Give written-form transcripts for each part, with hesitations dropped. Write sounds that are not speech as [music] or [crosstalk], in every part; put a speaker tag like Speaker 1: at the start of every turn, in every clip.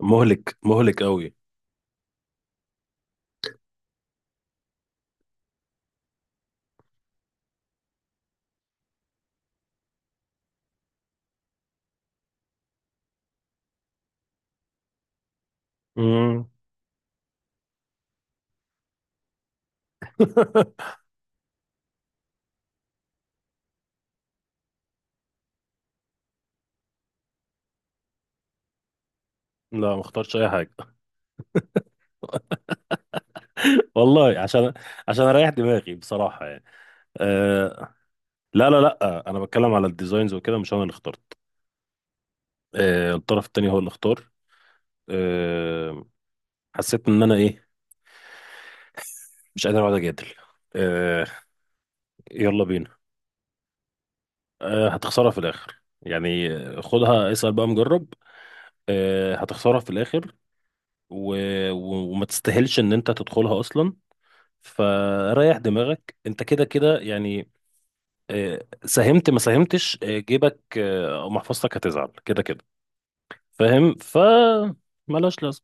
Speaker 1: مهلك مهلك قوي. مم. [laughs] لا، ما اختارش اي حاجه. والله عشان اريح دماغي بصراحه يعني. أه لا لا لا، انا بتكلم على الديزاينز وكده، مش انا اللي اخترت. أه الطرف التاني هو اللي اختار. أه حسيت ان انا ايه، مش قادر اقعد اجادل. أه، يلا بينا. أه هتخسرها في الاخر يعني، خدها اسال بقى مجرب. أه هتخسرها في الاخر و... وما تستاهلش ان انت تدخلها اصلا. فريح دماغك انت كده كده يعني. ساهمت ما ساهمتش، جيبك او محفظتك هتزعل كده كده. فاهم ملهاش لازمه.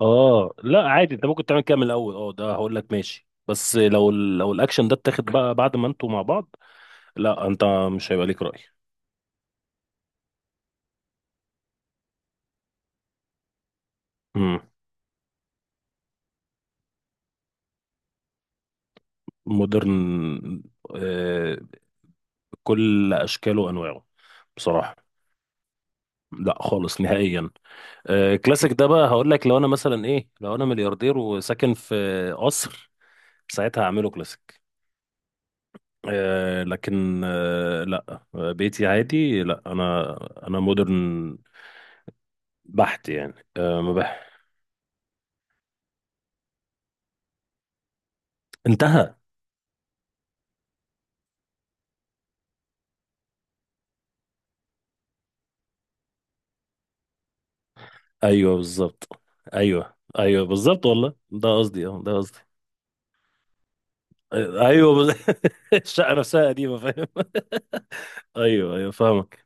Speaker 1: اه لا عادي، انت ممكن تعمل كده من الاول. اه ده هقول لك ماشي، بس لو لو الاكشن ده اتاخد بقى بعد ما انتوا مع بعض. لا انت مش هيبقى ليك راي. امم مودرن، آه، كل اشكاله وانواعه بصراحه. لا خالص نهائيا. كلاسيك ده بقى هقول لك، لو انا مثلا ايه، لو انا ملياردير وساكن في قصر، ساعتها هعمله كلاسيك. لكن لا، بيتي عادي، لا انا انا مودرن بحت يعني، آه ما بح انتهى. ايوه بالظبط. ايوه ايوه بالظبط والله، ده قصدي، اه ده قصدي. آه، ايوه بز... [laughs] الشقه نفسها قديمه فاهم. [laughs] ايوه ايوه فاهمك.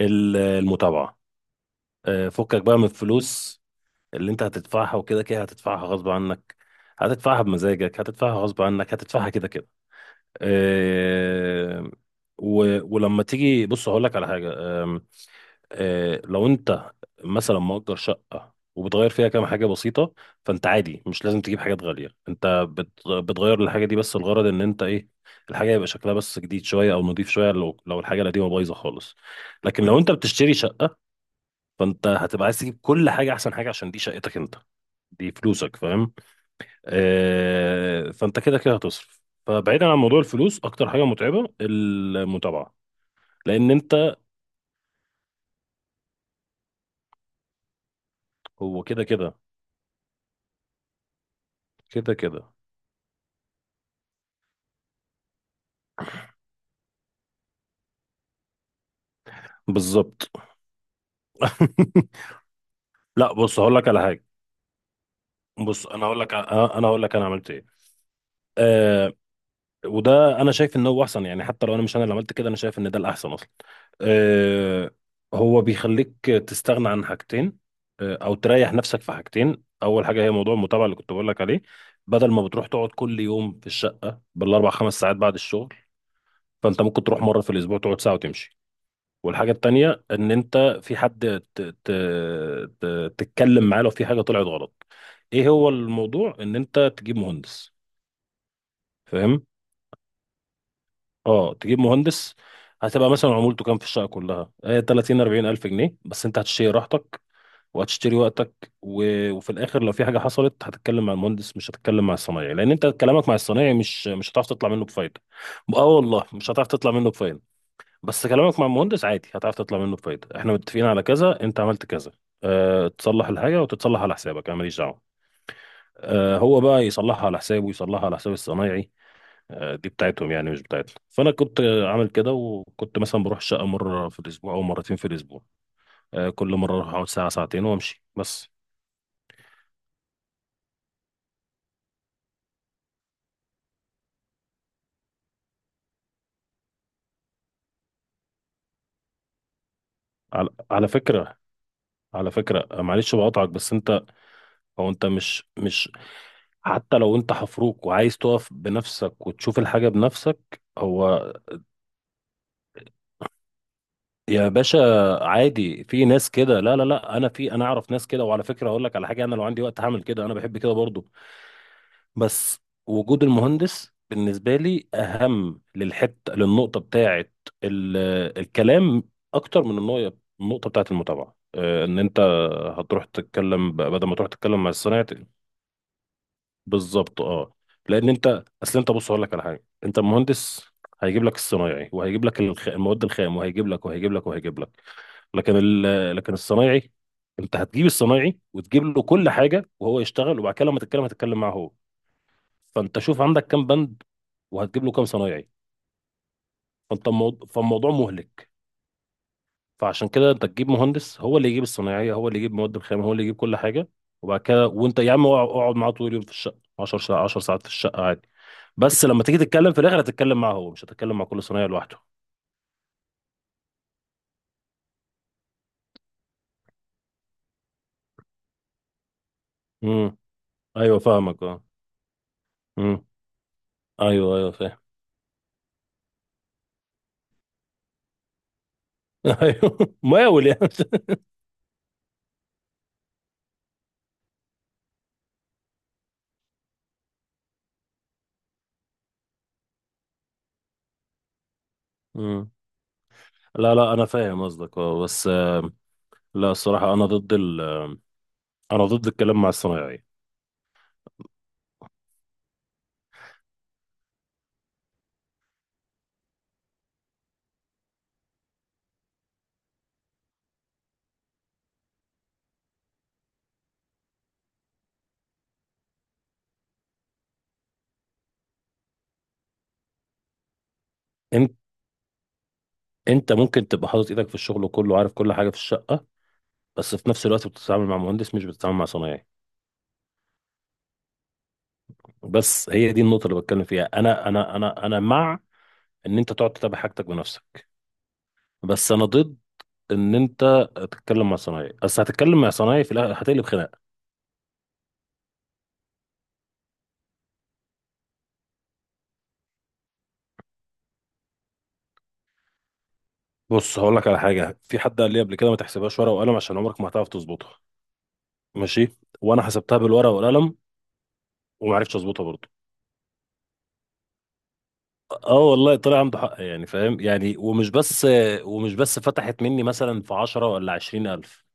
Speaker 1: المتابعه، فكك بقى من الفلوس اللي انت هتدفعها، وكده كده هتدفعها غصب عنك، هتدفعها بمزاجك هتدفعها غصب عنك، هتدفعها كده كده. آه، ولما تيجي بص هقول لك على حاجه. آم، آه، لو انت مثلا مؤجر شقه وبتغير فيها كام حاجه بسيطه، فانت عادي مش لازم تجيب حاجات غاليه، انت بتغير الحاجه دي بس، الغرض ان انت ايه، الحاجه يبقى شكلها بس جديد شويه او نضيف شويه، لو الحاجه القديمه بايظه خالص. لكن لو انت بتشتري شقه، فانت هتبقى عايز تجيب كل حاجه احسن حاجه، عشان دي شقتك انت، دي فلوسك، فاهم؟ فانت كده كده هتصرف، فبعيدا عن موضوع الفلوس اكتر حاجه متعبه المتابعه. لان انت، هو كده كده كده كده بالظبط. [laughs] لا بص هقول لك على حاجه، بص انا هقول لك انا عملت ايه. آه، وده انا شايف ان هو احسن، يعني حتى لو انا مش انا اللي عملت كده، انا شايف ان ده الاحسن اصلا. آه. هو بيخليك تستغنى عن حاجتين، او تريح نفسك في حاجتين. اول حاجه هي موضوع المتابعه اللي كنت بقول لك عليه، بدل ما بتروح تقعد كل يوم في الشقه بالاربع خمس ساعات بعد الشغل، فانت ممكن تروح مره في الاسبوع تقعد ساعه وتمشي. والحاجه التانيه ان انت في حد ت ت ت تتكلم معاه لو في حاجه طلعت غلط. ايه هو الموضوع، ان انت تجيب مهندس، فاهم؟ اه تجيب مهندس، هتبقى مثلا عمولته كام في الشقه كلها، 30 40 الف جنيه بس، انت هتشتري راحتك وهتشتري وقتك. وفي الاخر لو في حاجه حصلت هتتكلم مع المهندس، مش هتتكلم مع الصنايعي، لان انت كلامك مع الصنايعي مش هتعرف تطلع منه بفايده. اه والله مش هتعرف تطلع منه بفايده. بس كلامك مع المهندس عادي هتعرف تطلع منه بفايده: احنا متفقين على كذا، انت عملت كذا، تصلح الحاجه وتتصلح على حسابك، انا ماليش دعوه. هو بقى يصلحها على حسابه ويصلحها على حساب الصنايعي، دي بتاعتهم يعني مش بتاعتنا. فانا كنت عامل كده، وكنت مثلا بروح الشقه مره في الاسبوع او مرتين في الاسبوع، كل مره اروح اقعد ساعه ساعتين وامشي بس. على فكره، على فكره معلش بقاطعك، بس انت، هو انت مش مش حتى لو انت حفروك وعايز تقف بنفسك وتشوف الحاجه بنفسك، هو، يا باشا، عادي في ناس كده، لا لا لا، انا انا اعرف ناس كده، وعلى فكره هقول لك على حاجه، انا لو عندي وقت هعمل كده، انا بحب كده برضو. بس وجود المهندس بالنسبة لي أهم للحتة، للنقطة بتاعة ال- الكلام، أكتر من النقطة بتاعة المتابعة، إن أنت هتروح تتكلم، بدل ما تروح تتكلم مع الصنايعي بالظبط. أه لأن أنت أصل أنت، بص أقول لك على حاجة، أنت المهندس هيجيب لك الصنايعي وهيجيب لك المواد الخام، وهيجيب لك وهيجيب لك وهيجيب لك. لكن الصنايعي، أنت هتجيب الصنايعي وتجيب له كل حاجة، وهو يشتغل، وبعد كده لما تتكلم هتتكلم معاه هو. فانت شوف عندك كام بند وهتجيب له كام صنايعي، فانت الموضوع فالموضوع مهلك. فعشان كده انت تجيب مهندس، هو اللي يجيب الصنايعيه، هو اللي يجيب مواد الخام، هو اللي يجيب كل حاجه. وبعد كده وانت يا عم اقعد اقعد معاه طول اليوم في الشقه، 10 ساعات 10 ساعات في الشقه عادي، بس لما تيجي تتكلم في الاخر هتتكلم معاه هو، مش هتتكلم مع كل صنايعي لوحده. امم، ايوه فاهمك، اه. امم، ايوه ايوه فاهم. [laughs] ايوه مقاول يعني. امم. لا لا انا فاهم قصدك اه، بس لا الصراحه انا ضد الكلام مع الصنايعي. انت ممكن تبقى حاطط ايدك في الشغل كله وعارف كل حاجه في الشقه، بس في نفس الوقت بتتعامل مع مهندس مش بتتعامل مع صنايعي. بس هي دي النقطه اللي بتكلم فيها، انا مع ان انت تقعد تتابع حاجتك بنفسك، بس انا ضد ان انت تتكلم مع صنايعي، بس هتتكلم مع صنايعي في الاخر هتقلب خناقه. بص هقول لك على حاجه، في حد قال لي قبل كده ما تحسبهاش ورقه وقلم، عشان عمرك ما هتعرف تظبطها. ماشي، وانا حسبتها بالورقه والقلم وما عرفتش اظبطها برضه. اه والله طلع عنده حق يعني، فاهم يعني. ومش بس، ومش بس فتحت مني مثلا في 10 ولا 20 الف،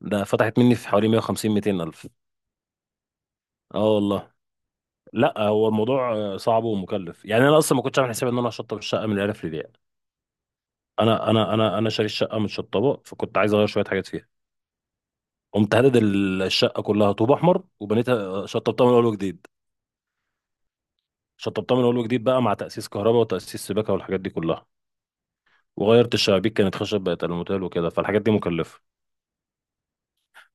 Speaker 1: ده فتحت مني في حوالي 150 200 الف. اه والله. لا هو الموضوع صعب ومكلف يعني، انا اصلا ما كنتش عامل حسابي ان انا هشطب الشقه من الالف للياء. انا شاري الشقه متشطبه، فكنت عايز اغير شويه حاجات فيها، قمت هدد الشقه كلها طوب احمر وبنيتها، شطبتها من اول وجديد. شطبتها من اول وجديد بقى، مع تاسيس كهرباء وتاسيس سباكه والحاجات دي كلها، وغيرت الشبابيك كانت خشب بقت الموتيل وكده، فالحاجات دي مكلفه.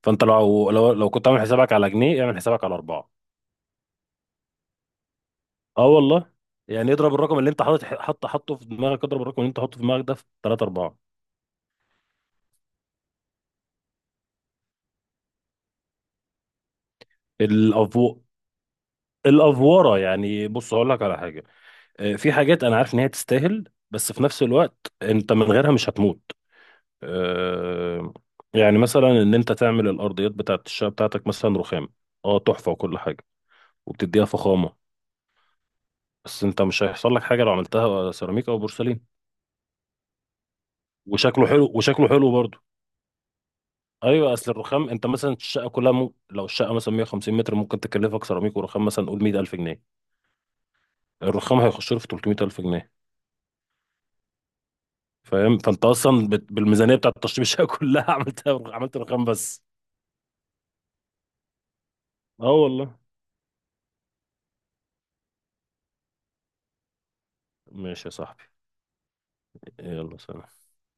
Speaker 1: فانت لو كنت عامل حسابك على جنيه، اعمل حسابك على اربعه. اه والله. يعني اضرب الرقم اللي انت حاطط، حطه في دماغك، اضرب الرقم اللي انت حاطه في دماغك ده في 3 4. الافو الافوره يعني. بص هقول لك على حاجه، في حاجات انا عارف ان هي تستاهل، بس في نفس الوقت انت من غيرها مش هتموت. آه، يعني مثلا ان انت تعمل الارضيات بتاعت الشقه بتاعتك مثلا رخام، اه تحفه وكل حاجه وبتديها فخامه، بس انت مش هيحصل لك حاجه لو عملتها سيراميك او بورسلين وشكله حلو برضه. ايوه اصل الرخام، انت مثلا الشقه كلها، لو الشقه مثلا 150 متر، ممكن تكلفك سيراميك ورخام مثلا قول 100000 جنيه، الرخام هيخش له في 300000 جنيه، فاهم؟ فانت اصلا بالميزانيه بتاعت تشطيب الشقه [laughs] كلها عملت رخام بس. اه والله. ماشي يا صاحبي، يلا سلام.